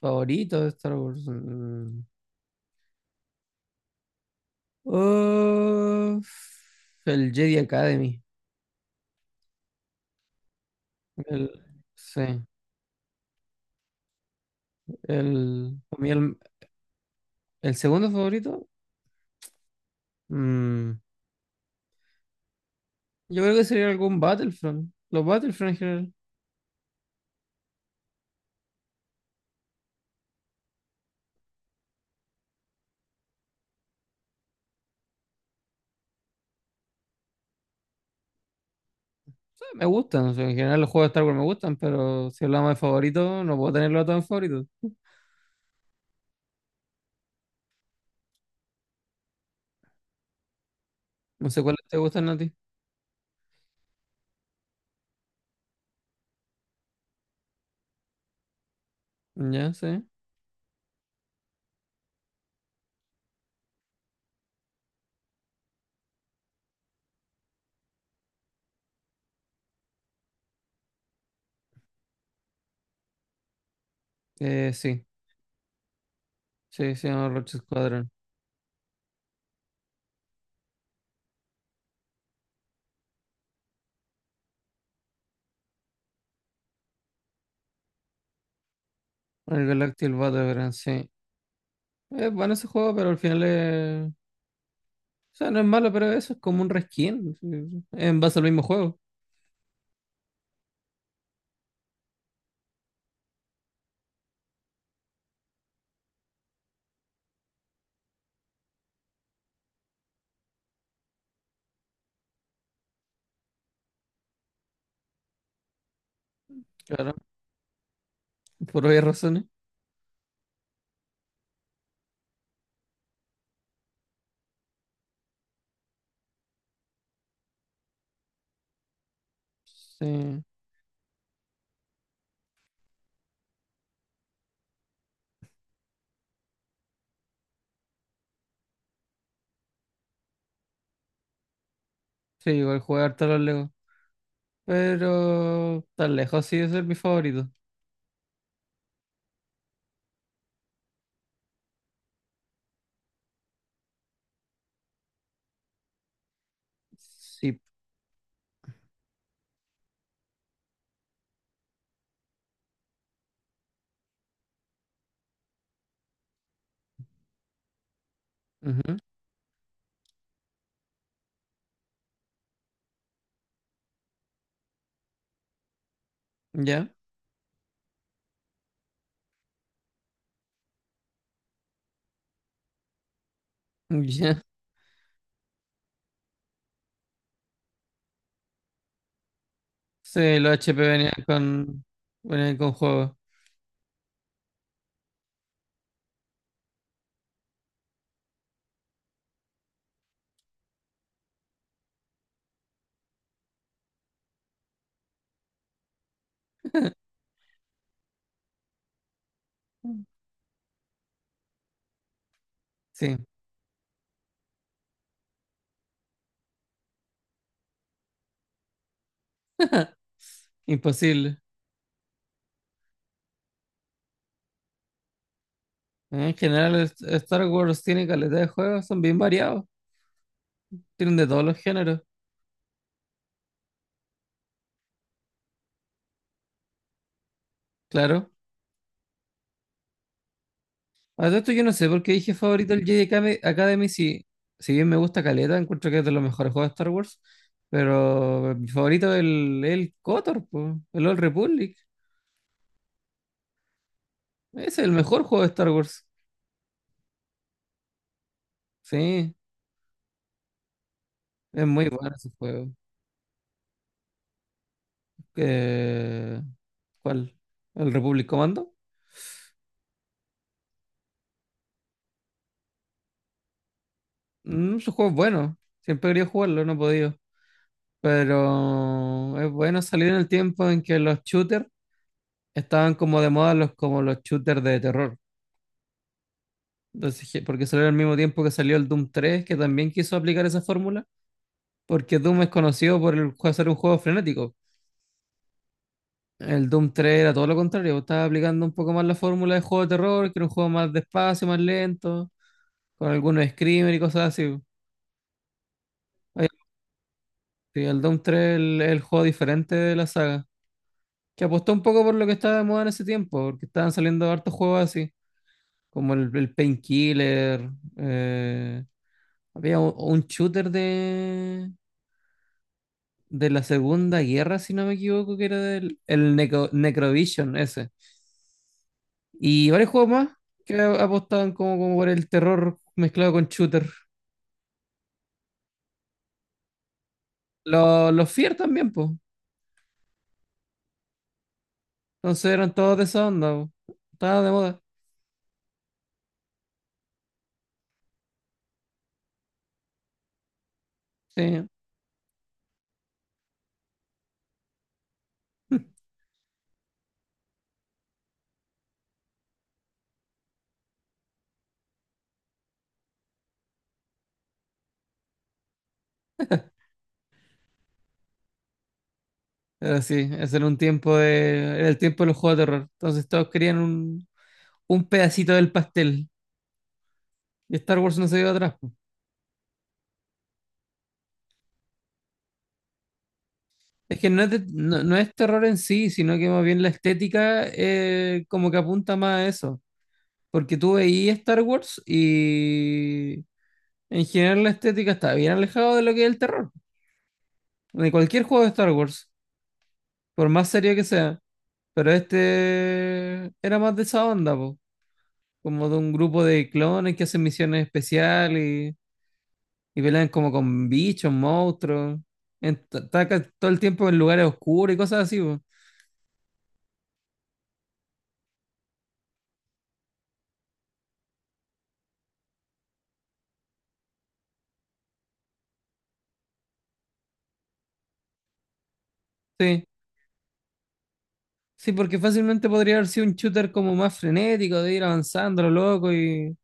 Favorito de Star Wars. Uf, el Jedi Academy. El, sí. El, a mí El segundo favorito. mm, yo creo que sería algún Battlefront. Los Battlefront en general. Sí, me gustan. O sea, en general los juegos de Star Wars me gustan, pero si hablamos de favoritos, no puedo tenerlo a todos en favorito. No sé cuáles te gustan a ti. Ya, sí. Sí. Sí, se llama Rogue Squadron. El Galactic Battleground, sí. Es bueno ese juego, pero al final es. O sea, no es malo, pero eso es como un reskin. Sí. En base al mismo juego. Claro. Por obvias razones. Sí. Sí, igual jugar harto a los Lego. Pero tan lejos sí es mi favorito. Sí. Ujú. Ya. Ya. Sí, los HP Venían con juegos. Sí. Imposible. En general, Star Wars tiene calidad de juegos, son bien variados. Tienen de todos los géneros. Claro. A todo esto yo no sé por qué dije favorito el Jedi Academy, Academy, si, si bien me gusta Caleta, encuentro que es de los mejores juegos de Star Wars, pero mi favorito es el KOTOR, po, el Old Republic. Ese es el mejor juego de Star Wars. Sí, es muy bueno ese juego. Eh, ¿Cuál? ¿El Republic Commando? Ese juego bueno. Siempre he querido jugarlo, no he podido. Pero es bueno salir en el tiempo en que los shooters estaban como de moda como los shooters de terror. Entonces, porque salió al mismo tiempo que salió el Doom 3, que también quiso aplicar esa fórmula, porque Doom es conocido por ser un juego frenético. El Doom 3 era todo lo contrario, estaba aplicando un poco más la fórmula de juego de terror, que era un juego más despacio, más lento, con algunos screamers y cosas así. Oye, sí, el Doom 3 es el juego diferente de la saga, que apostó un poco por lo que estaba de moda en ese tiempo, porque estaban saliendo hartos juegos así, como el Painkiller, eh, había un shooter de la Segunda Guerra, si no me equivoco, que era del el Necrovision ese. Y varios juegos más que apostaban como por el terror mezclado con shooter. Los Fear también, pues. Entonces eran todos de esa onda, po. Estaban de moda. Sí. Pero sí, ese era un tiempo de. Era el tiempo de los juegos de terror. Entonces todos querían un pedacito del pastel. Y Star Wars no se dio atrás, po. Es que no es, no, no es terror en sí, sino que más bien la estética como que apunta más a eso. Porque tú veías Star Wars y en general la estética está bien alejada de lo que es el terror. De cualquier juego de Star Wars, por más serio que sea. Pero este era más de esa onda, po. Como de un grupo de clones que hacen misiones especiales y, y pelean como con bichos, monstruos. en- ta- Todo el tiempo en lugares oscuros y cosas así, po. Sí. Sí, porque fácilmente podría haber sido un shooter como más frenético, de ir avanzando, lo loco y,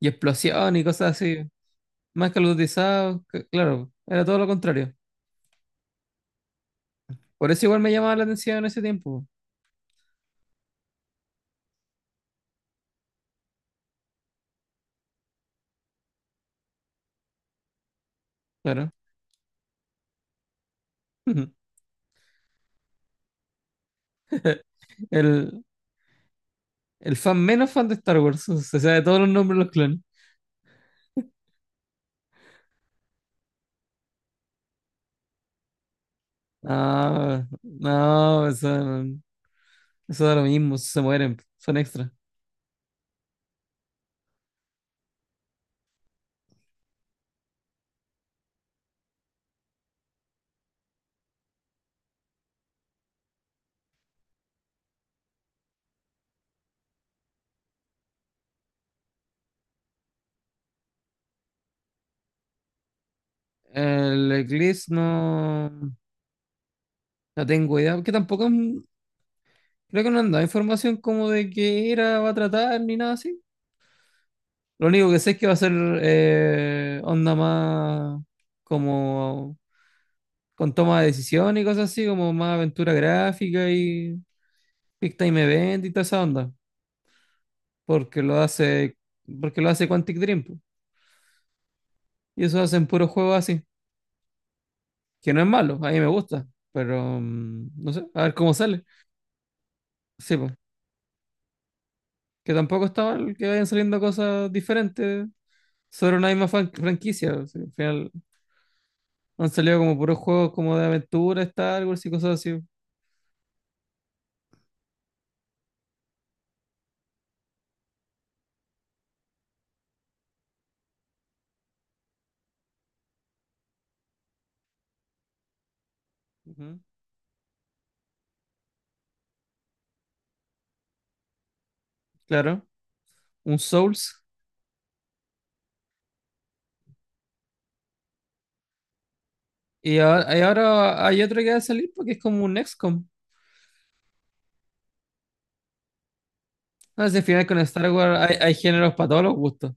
y explosión y cosas así. Más que los cotizados, claro, era todo lo contrario. Por eso igual me llamaba la atención en ese tiempo, claro. El, el fan menos fan de Star Wars, se sabe todos los nombres de los clones. No, no, eso da lo mismo, se mueren, son extras. El Eclipse no, no tengo idea, porque tampoco creo que no han dado información como de qué era, va a tratar, ni nada así. Lo único que sé es que va a ser onda más como con toma de decisión y cosas así, como más aventura gráfica y Big Time Event y toda esa onda, porque lo hace, porque lo hace Quantic Dream, po. Y eso hacen puros juegos así, que no es malo, a mí me gusta, pero no sé, a ver cómo sale. Sí, pues, que tampoco está mal que vayan saliendo cosas diferentes sobre una misma franquicia, o sea, al final han salido como puros juegos como de aventura, Star Wars y cosas así. Ujú. Claro, un Souls. Y ahora, hay otro que va a salir porque es como un XCOM. No, si al final con Star Wars hay géneros para todos los gustos.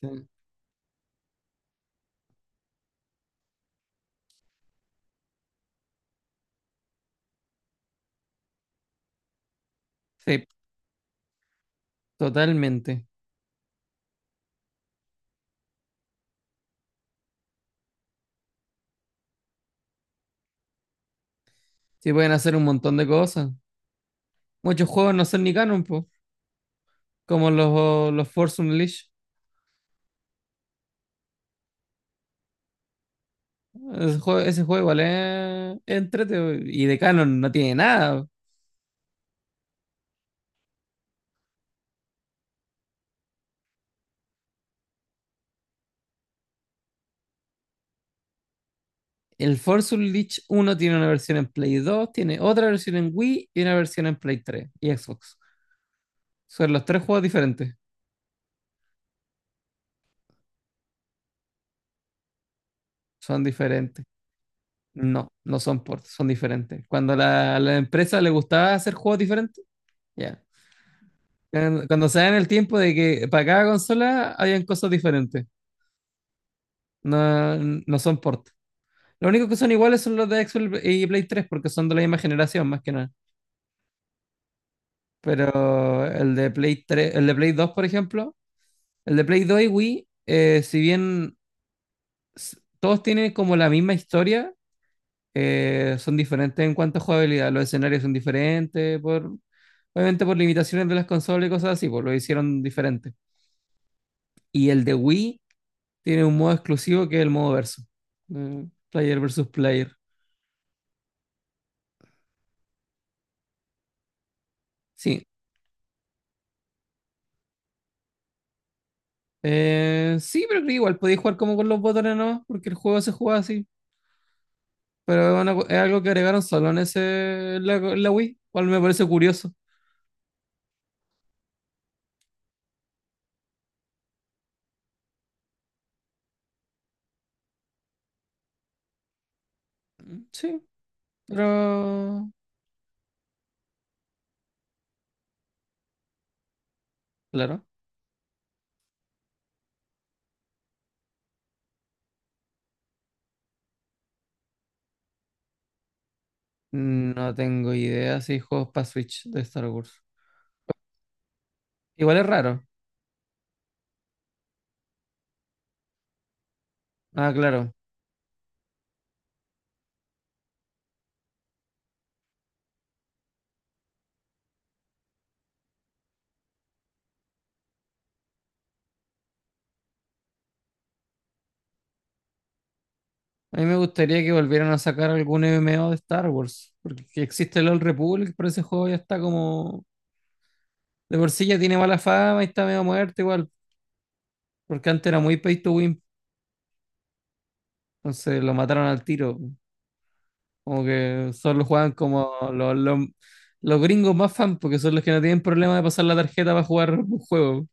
Sí, sí, totalmente. Sí, pueden hacer un montón de cosas. Muchos juegos no son ni canon, po, como los Force Unleashed. Ese juego igual es entrete, po, y de canon no tiene nada. El Force Unleashed uno tiene una versión en Play 2 tiene otra versión en Wii y una versión en Play 3 y Xbox. Son los tres juegos diferentes. Son diferentes. No, no son ports, son diferentes. Cuando a la empresa le gustaba hacer juegos diferentes, ya. Cuando se da en el tiempo de que para cada consola hayan cosas diferentes. No, no son ports. Lo único que son iguales son los de Xbox y Play 3 porque son de la misma generación, más que nada. Pero el de Play 3, el de Play 2, por ejemplo, el de Play 2 y Wii, si bien todos tienen como la misma historia, son diferentes en cuanto a jugabilidad. Los escenarios son diferentes, obviamente por limitaciones de las consolas y cosas así, pues lo hicieron diferente. Y el de Wii tiene un modo exclusivo que es el modo verso. Player versus player. Sí. Sí, pero creo que igual podéis jugar como con los botones nomás, porque el juego se juega así. Pero una es algo que agregaron solo en ese en la Wii, cual me parece curioso. Mm, sí, pero claro. No tengo idea si hay juegos para Switch de Star Wars. Igual es raro. Ah, claro. A mí me gustaría que volvieran a sacar algún MMO de Star Wars, porque existe el Old Republic, pero ese juego ya está como. De por sí ya tiene mala fama y está medio muerto igual, porque antes era muy pay to win, entonces lo mataron al tiro. Como que solo juegan como los gringos más fans, porque son los que no tienen problema de pasar la tarjeta para jugar un juego.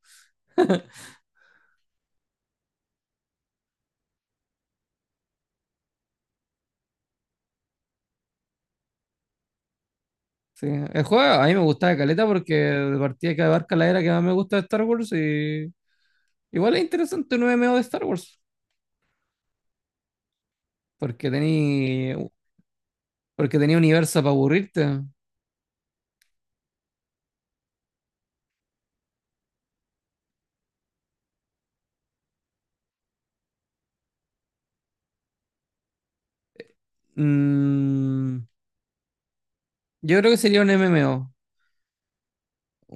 Sí. El juego a mí me gustaba caleta porque de partida que abarca la era que más me gusta de Star Wars y igual es interesante un MMO de Star Wars, porque tenía porque tenía universo para aburrirte. Mm, yo creo que sería un MMO.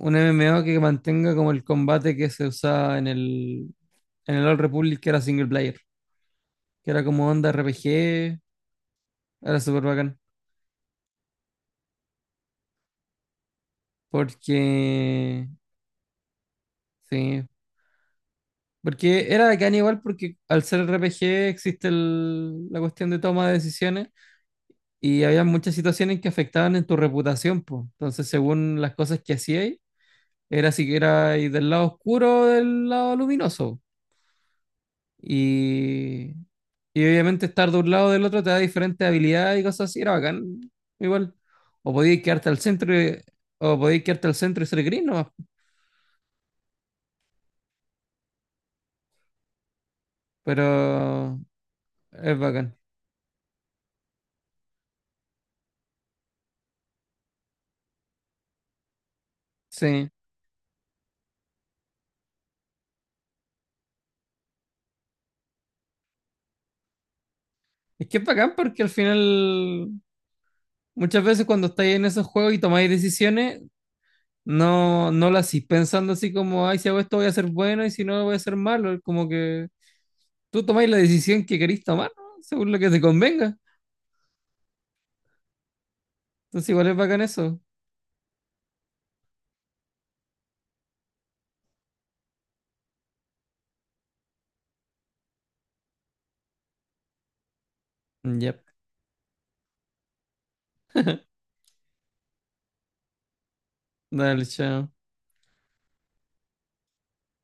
Un MMO que mantenga como el combate que se usaba en el Old Republic, que era single player, que era como onda RPG, era súper bacán. Porque, sí, porque era bacán igual porque al ser RPG existe la cuestión de toma de decisiones y había muchas situaciones que afectaban en tu reputación, pues. Entonces, según las cosas que hacíais, era si que era del lado oscuro o del lado luminoso. Y, y obviamente estar de un lado o del otro te da diferentes habilidades y cosas así, era bacán, igual. O podías quedarte al centro y-. O podías quedarte al centro y ser gris nomás, pero es bacán. Sí. Es que es bacán porque al final muchas veces cuando estáis en esos juegos y tomáis decisiones, no, no las hacís pensando así como, ay, si hago esto voy a ser bueno y si no voy a ser malo. Es como que tú tomáis la decisión que queréis tomar, ¿no? Según lo que te convenga. Entonces igual es bacán eso. Yep. Dale, chao.